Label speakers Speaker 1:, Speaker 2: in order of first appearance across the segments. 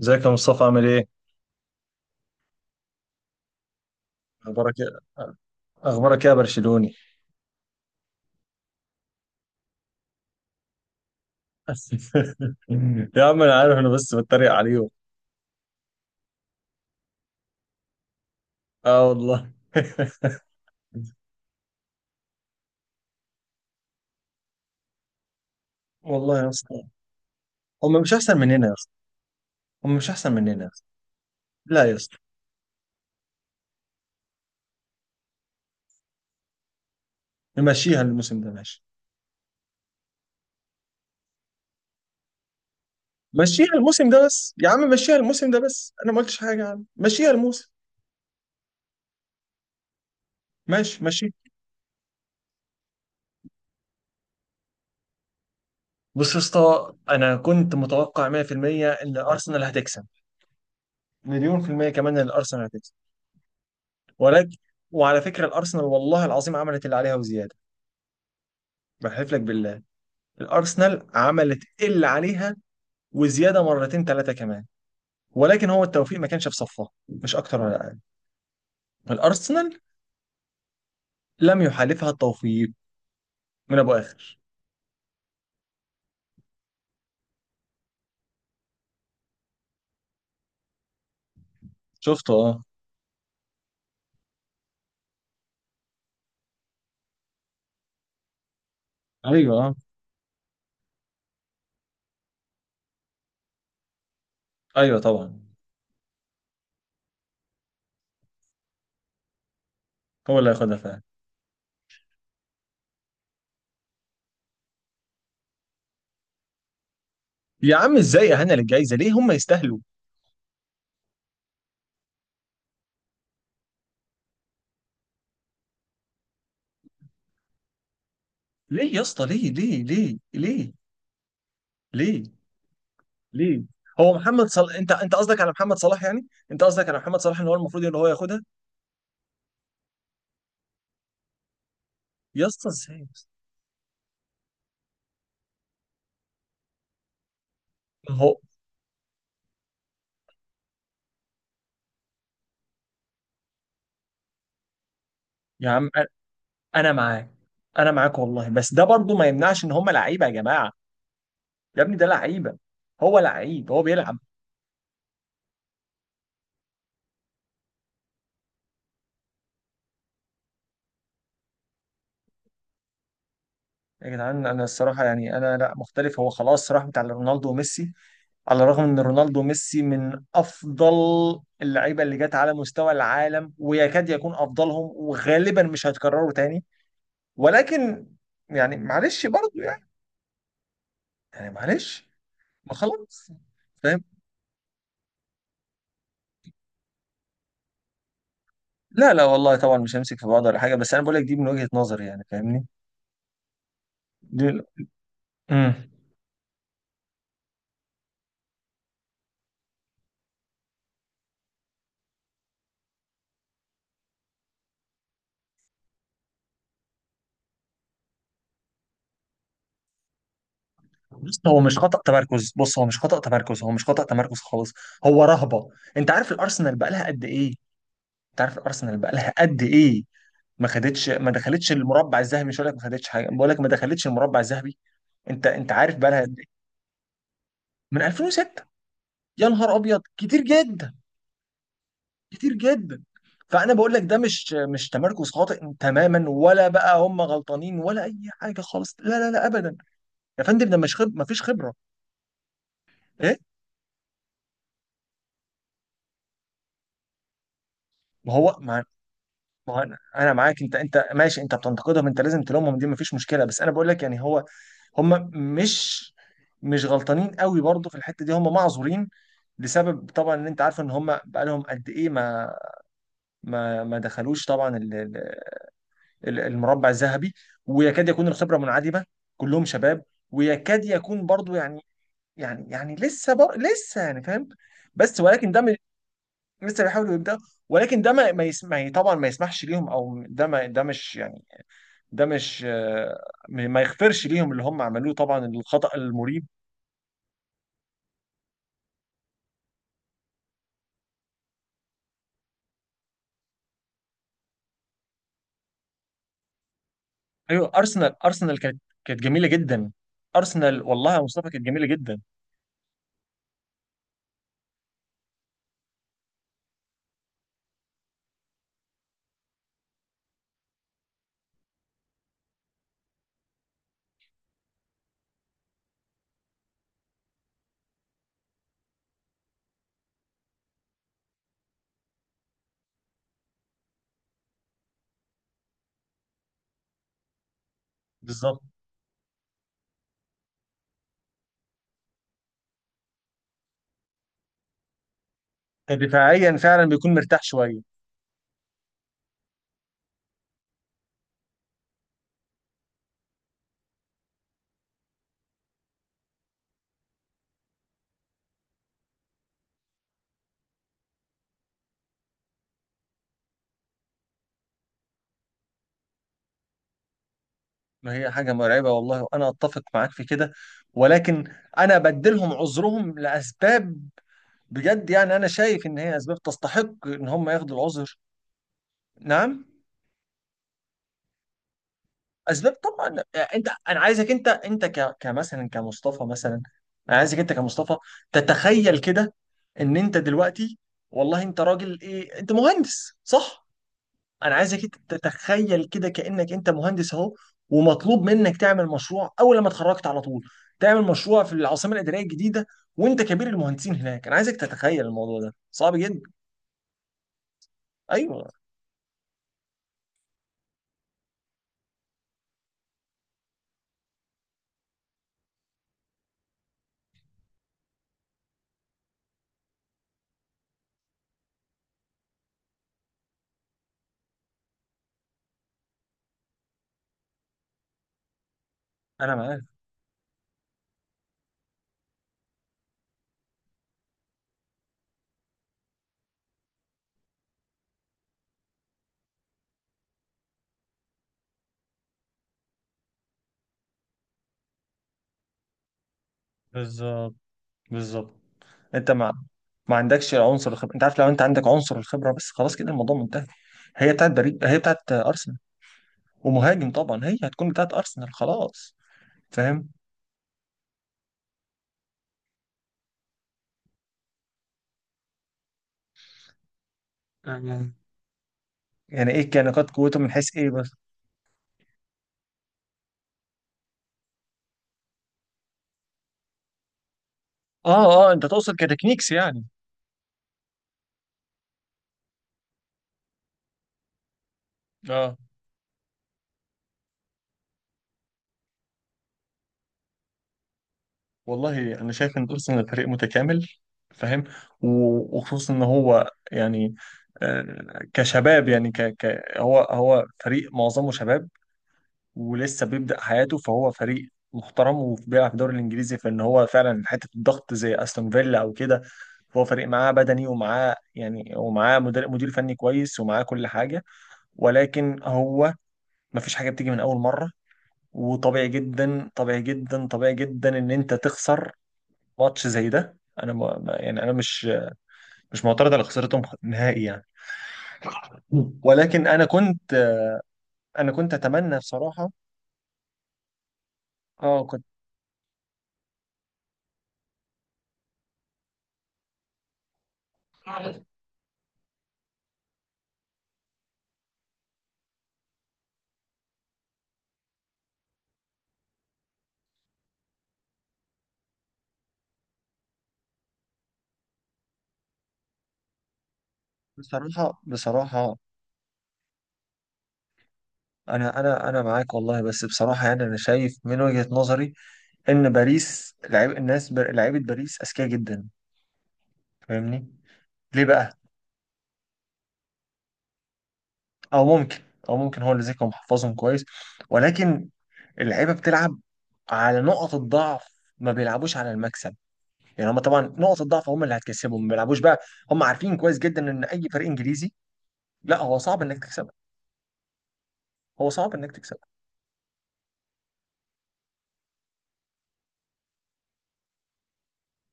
Speaker 1: ازيك يا مصطفى عامل ايه؟ اخبارك ايه؟ اخبارك ايه يا برشلوني؟ يا عم، انا عارف، انا بس بتريق عليهم. اه والله. والله يا اسطى، هم مش احسن مننا يا اسطى، هم مش احسن مننا يا اسطى. لا يا اسطى. نمشيها الموسم ده ماشي. مشيها الموسم ده بس يا عم، مشيها الموسم ده بس انا ما قلتش حاجه يا عم، مشيها الموسم. ماشي ماشي. بص يا اسطى، انا كنت متوقع 100% ان ارسنال هتكسب، مليون في المية كمان ان الارسنال هتكسب، ولكن، وعلى فكره الارسنال والله العظيم عملت اللي عليها وزياده. بحلف لك بالله، الارسنال عملت اللي عليها وزياده مرتين ثلاثه كمان، ولكن هو التوفيق ما كانش في صفها، مش اكتر ولا اقل. الارسنال لم يحالفها التوفيق من ابو اخر. شفته اه. ايوه اه. ايوه طبعا. هو اللي هياخدها فعلا. يا عم، ازاي يا هنا للجايزه، ليه هم يستاهلوا. ليه يا اسطى، ليه ليه ليه ليه، ليه، ليه. هو محمد صلاح، انت قصدك على محمد صلاح، يعني انت قصدك على محمد صلاح ان هو المفروض ان هو ياخدها. يا اسطى، ازاي يا اسطى؟ هو. يا عم، انا معاك. انا معاك والله، بس ده برضو ما يمنعش ان هم لعيبه يا جماعه، يا ابني ده لعيبه، هو لعيب هو بيلعب. يا جدعان، انا الصراحه يعني انا لا مختلف، هو خلاص راح بتاع رونالدو وميسي، على الرغم ان رونالدو وميسي من افضل اللعيبه اللي جت على مستوى العالم، ويكاد يكون افضلهم، وغالبا مش هيتكرروا تاني. ولكن، يعني معلش برضو يعني، يعني معلش. ما خلاص، فاهم. لا لا والله طبعا، مش همسك في بعض ولا حاجه، بس انا بقول لك دي من وجهه نظري، يعني فاهمني. دي امم بص هو مش خطأ تمركز، بص هو مش خطأ تمركز، هو مش خطأ تمركز خالص. هو رهبة. انت عارف الارسنال بقى لها قد ايه، انت عارف الارسنال بقى لها قد ايه. ما خدتش، ما دخلتش المربع الذهبي، مش هقول لك ما خدتش حاجه، بقول لك ما دخلتش المربع الذهبي. انت عارف بقى لها قد ايه، من 2006. يا نهار ابيض، كتير جدا، كتير جدا. فانا بقول لك ده مش تمركز خاطئ تماما، ولا بقى هم غلطانين ولا اي حاجه خالص، لا لا لا ابدا. يا فندم، ده مش خب... ما فيش خبره. ايه، ما هو ما ما هو انا معاك، انت ماشي، انت بتنتقدهم، انت لازم تلومهم، دي مفيش مشكله، بس انا بقول لك يعني هو، هم مش، مش غلطانين قوي برضه في الحته دي، هم معذورين لسبب طبعا، ان انت عارف ان هم بقالهم قد ايه، ما دخلوش طبعا المربع الذهبي، ويكاد يكون الخبره منعدمه، كلهم شباب، ويكاد يكون برضه يعني، يعني لسه لسه يعني فاهم، بس ولكن لسه بيحاولوا يبدأ، ولكن ده ما ما يسمع طبعا، ما يسمحش ليهم، او ده ما، ده مش يعني، ده مش ما يغفرش ليهم اللي هم عملوه طبعا، الخطأ المريب. ايوه، ارسنال كانت جميله جدا. ارسنال والله يا مصطفى كانت جميله جدا. بالظبط. كان دفاعيا فعلا بيكون مرتاح شويه. ما هي حاجه مرعبه والله، وانا اتفق معاك في كده، ولكن انا بدلهم عذرهم لاسباب، بجد يعني انا شايف ان هي اسباب تستحق ان هم ياخدوا العذر. نعم. اسباب طبعا. انت، انا عايزك، انت كمثلا كمصطفى مثلا. انا عايزك انت كمصطفى تتخيل كده، ان انت دلوقتي، والله انت راجل ايه، انت مهندس صح. انا عايزك انت تتخيل كده، كانك انت مهندس اهو، ومطلوب منك تعمل مشروع اول لما اتخرجت على طول، تعمل مشروع في العاصمه الاداريه الجديده، وانت كبير المهندسين هناك. انا عايزك تتخيل الموضوع ده صعب جدا. ايوه. انا معاك. بالظبط بالظبط. انت ما ما عندكش عنصر الخبره، انت عارف، لو انت عندك عنصر الخبره بس، خلاص كده الموضوع منتهي. هي بتاعت بريد، هي بتاعت ارسنال، ومهاجم طبعا هي هتكون بتاعت ارسنال خلاص. فاهم. آه. يعني ايه كان نقاط قوته، من حيث ايه بس؟ اه اه، انت تقصد كتكنيكس يعني. اه والله، انا شايف ان ارسنال فريق متكامل. فاهم. وخصوصا ان هو يعني، كشباب يعني، هو فريق معظمه شباب، ولسه بيبدأ حياته، فهو فريق محترم وبيلعب في الدوري الانجليزي، فان هو فعلا حته الضغط زي استون فيلا او كده، فهو فريق معاه بدني، ومعاه يعني، ومعاه مدير فني كويس، ومعاه كل حاجه، ولكن هو، ما فيش حاجه بتيجي من اول مره، وطبيعي جدا، طبيعي جدا، طبيعي جدا، ان انت تخسر ماتش زي ده. انا يعني انا مش، مش معترض على خسارتهم نهائي يعني، ولكن انا كنت، انا كنت اتمنى بصراحه. اه كنت. بصراحة، بصراحة، انا معاك والله، بس بصراحه يعني، انا شايف من وجهه نظري ان باريس لعيبه باريس اذكياء جدا، فاهمني. ليه بقى، او ممكن، او ممكن هو اللي ذكي ومحفظهم كويس، ولكن اللعيبه بتلعب على نقط الضعف، ما بيلعبوش على المكسب، يعني هم طبعا نقط الضعف هم اللي هتكسبهم، ما بيلعبوش بقى. هم عارفين كويس جدا ان اي فريق انجليزي، لا هو صعب انك تكسبه، هو صعب انك تكسبه.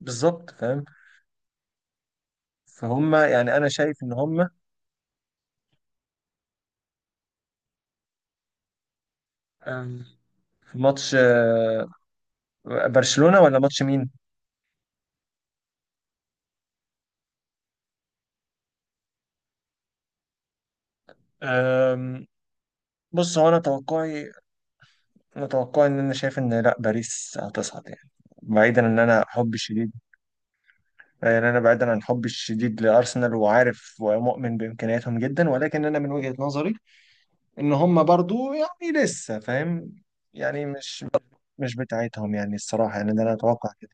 Speaker 1: بالظبط فاهم. فهم يعني، انا شايف ان هم، آم، في ماتش برشلونة، ولا ماتش مين؟ أم، بص، هو انا توقعي، انا توقعي ان، انا شايف ان لا، باريس هتصعد يعني، بعيدا ان انا حبي الشديد، يعني انا بعيدا عن حبي الشديد لارسنال، وعارف ومؤمن بامكانياتهم جدا، ولكن انا من وجهة نظري ان هم برضو يعني لسه فاهم، يعني مش، مش بتاعتهم يعني الصراحة، يعني ده انا اتوقع كده.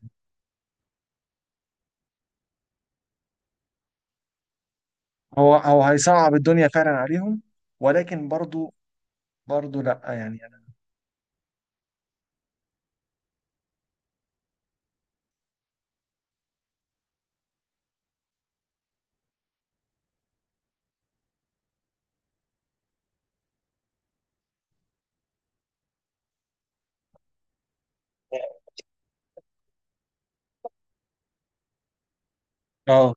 Speaker 1: هو هيصعب الدنيا فعلا عليهم، ولكن برضو، برضو لا يعني انا. اه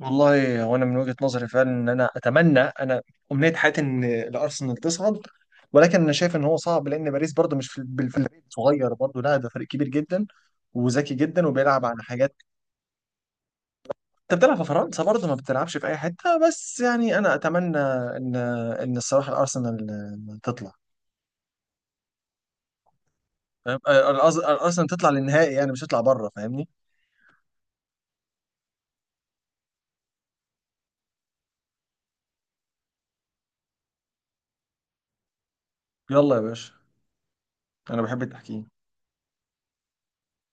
Speaker 1: والله هو، انا من وجهة نظري فعلا، ان انا اتمنى انا، امنية حياتي ان الارسنال تصعد، ولكن انا شايف ان هو صعب، لان باريس برضه مش في الفريق صغير برضه، لا ده فريق كبير جدا، وذكي جدا، وبيلعب على حاجات. انت بتلعب في فرنسا برضه، ما بتلعبش في اي حتة، بس يعني انا اتمنى ان، ان الصراحة الارسنال تطلع. فاهم؟ الارسنال تطلع للنهائي، يعني مش تطلع بره، فاهمني. يلا يا باشا، انا بحب التحكيم.